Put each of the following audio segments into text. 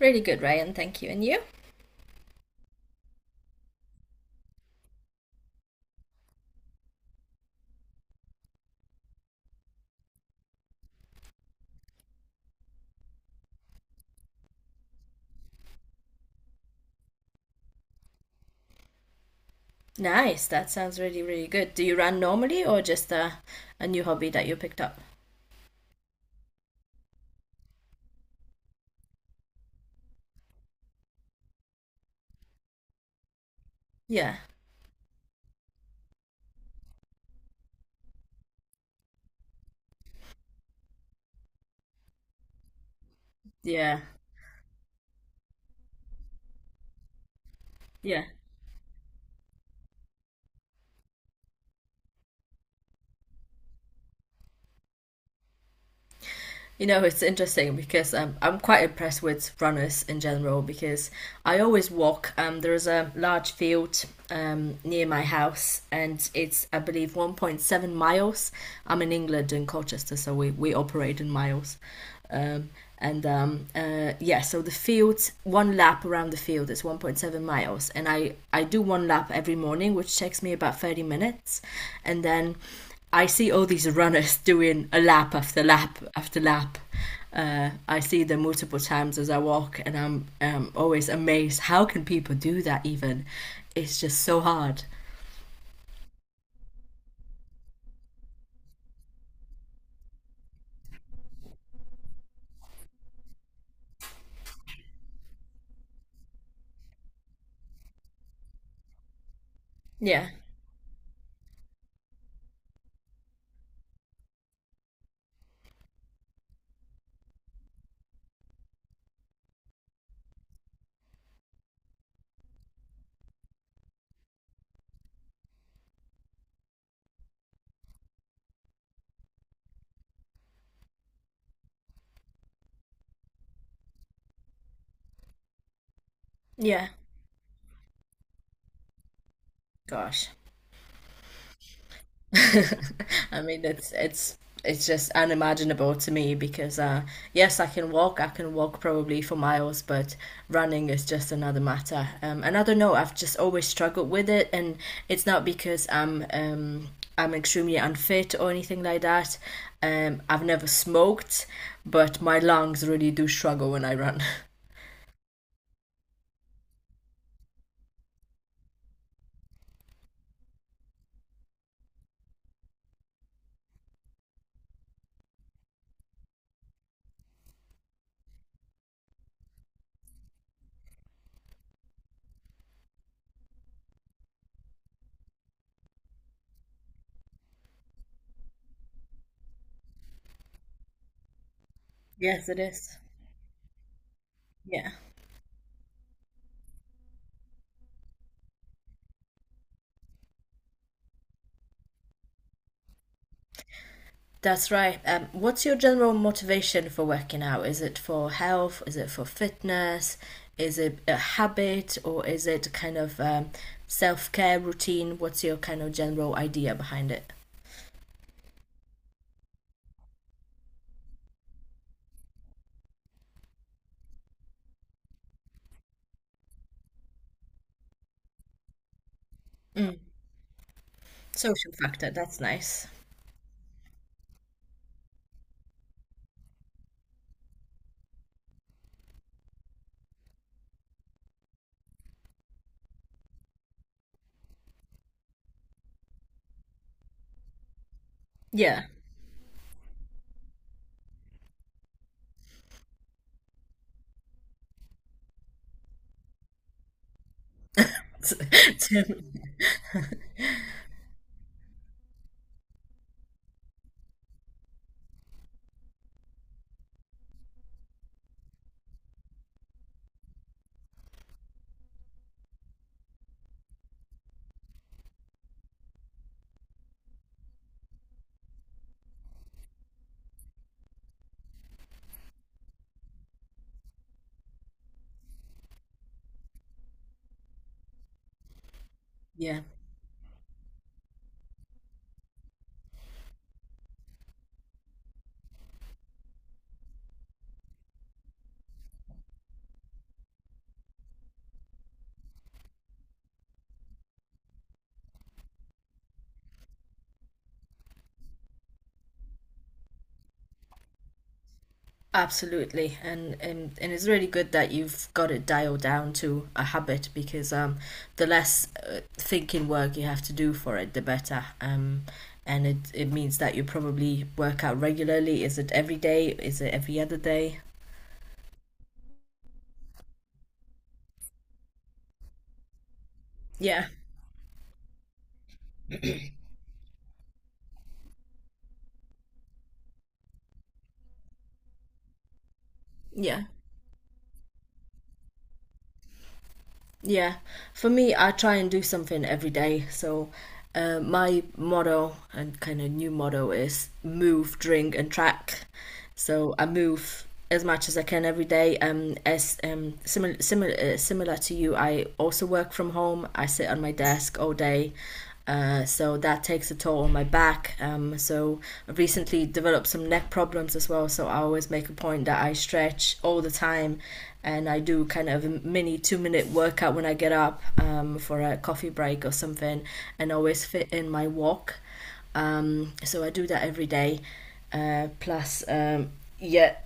Really good, Ryan. Thank you. And you? Nice. That sounds really, really good. Do you run normally or just a new hobby that you picked up? Yeah. Yeah. Yeah. You know, it's interesting because I'm quite impressed with runners in general because I always walk. There is a large field near my house and it's, I believe, 1.7 miles. I'm in England in Colchester, so we operate in miles. Um, and yeah, so the field, one lap around the field is 1.7 miles, and I do one lap every morning, which takes me about 30 minutes, and then I see all these runners doing a lap after lap after lap. I see them multiple times as I walk, and I'm always amazed. How can people do that? Even it's just so hard. Yeah, yeah. Gosh. I mean, it's just unimaginable to me because yes, I can walk. I can walk probably for miles, but running is just another matter. And I don't know. I've just always struggled with it, and it's not because I'm extremely unfit or anything like that. I've never smoked, but my lungs really do struggle when I run. Yes, it is. Yeah. That's right. What's your general motivation for working out? Is it for health? Is it for fitness? Is it a habit or is it kind of self care routine? What's your kind of general idea behind it? Social factor, that's nice. Yeah. yeah. Absolutely, and it's really good that you've got it dialed down to a habit because the less thinking work you have to do for it, the better. And it means that you probably work out regularly. Is it every day? Is it every other day? Yeah. Yeah. Yeah, for me, I try and do something every day. So, my motto and kind of new motto is move, drink, and track. So I move as much as I can every day. As similar similar similar to you, I also work from home. I sit on my desk all day. So that takes a toll on my back. So I've recently developed some neck problems as well. So I always make a point that I stretch all the time, and I do kind of a mini two-minute workout when I get up for a coffee break or something, and always fit in my walk. So I do that every day. Plus, yeah,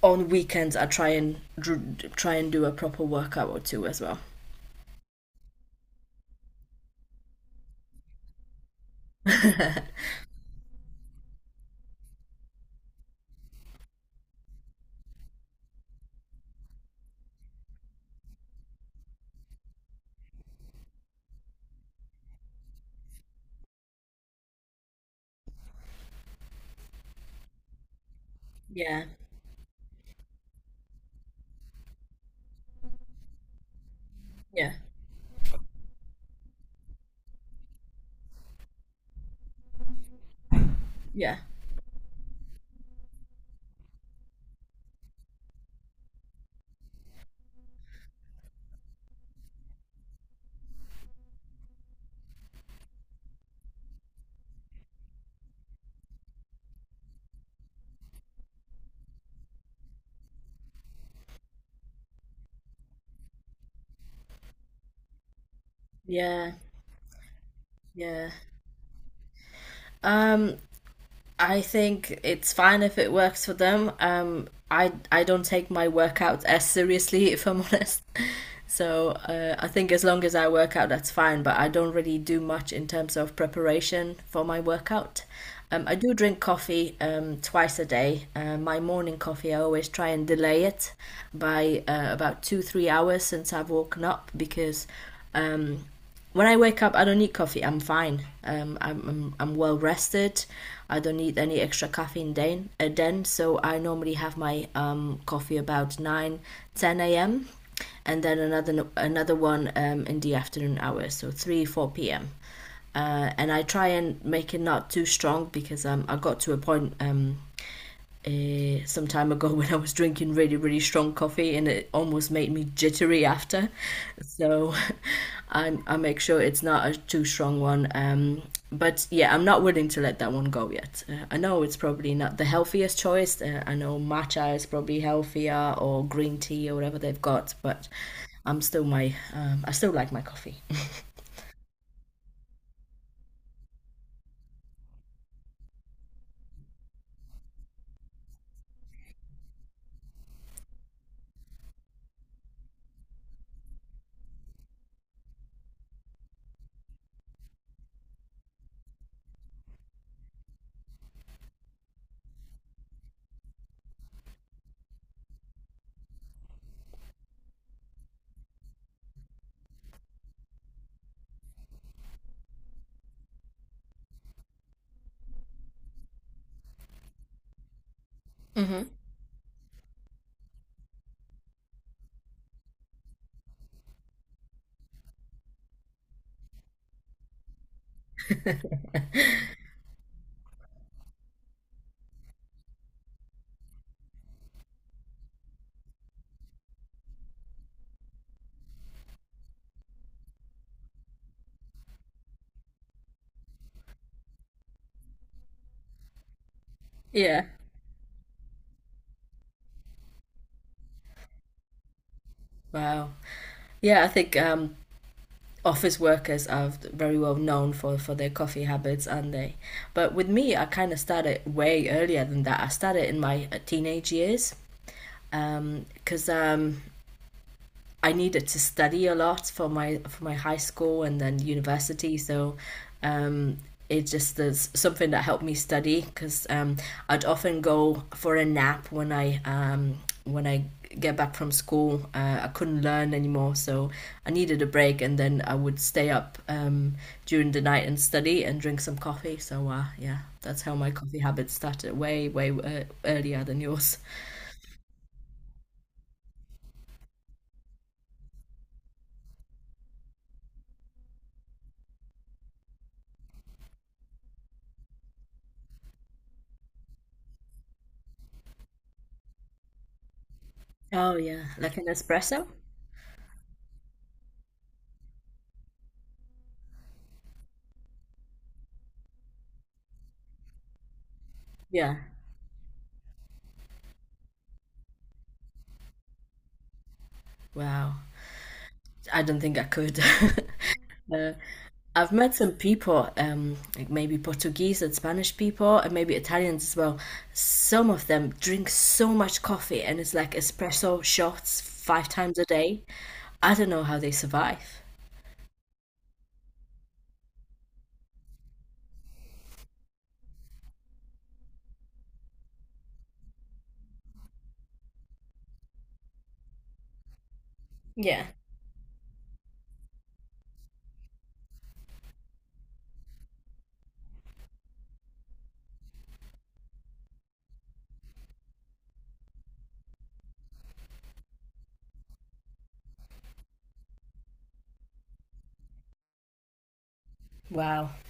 on weekends I try and do a proper workout or two as well. Yeah, yeah, yeah, yeah, yeah. Uh, I think it's fine if it works for them. I don't take my workout as seriously, if I'm honest. So I think as long as I work out, that's fine. But I don't really do much in terms of preparation for my workout. I do drink coffee twice a day. My morning coffee, I always try and delay it by about two, 3 hours since I've woken up because um, when I wake up, I don't need coffee. I'm fine. I'm well rested. I don't need any extra caffeine then. Then so I normally have my coffee about 9, 10 a.m. and then another no, another one in the afternoon hours, so 3, 4 p.m. And I try and make it not too strong because I got to a point some time ago when I was drinking really, really strong coffee, and it almost made me jittery after. So I make sure it's not a too strong one. But yeah, I'm not willing to let that one go yet. I know it's probably not the healthiest choice. I know matcha is probably healthier or green tea or whatever they've got, but I still like my coffee. Hmm. Yeah. Wow. Yeah, I think office workers are very well known for their coffee habits, aren't they? But with me, I kind of started way earlier than that. I started in my teenage years because I needed to study a lot for my high school and then university. So, um, it just is something that helped me study because I'd often go for a nap when I when I get back from school. I couldn't learn anymore, so I needed a break, and then I would stay up during the night and study and drink some coffee. So yeah, that's how my coffee habit started way earlier than yours. Oh yeah, like an espresso. Yeah. Wow. I don't think I could. uh, I've met some people, like maybe Portuguese and Spanish people, and maybe Italians as well. Some of them drink so much coffee, and it's like espresso shots 5 times a day. I don't know how they survive. Yeah. Wow.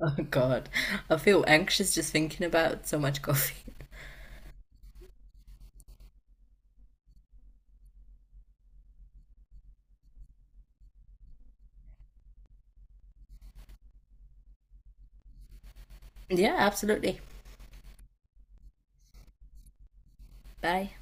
Oh God. I feel anxious just thinking about so much coffee. Yeah, absolutely. Bye.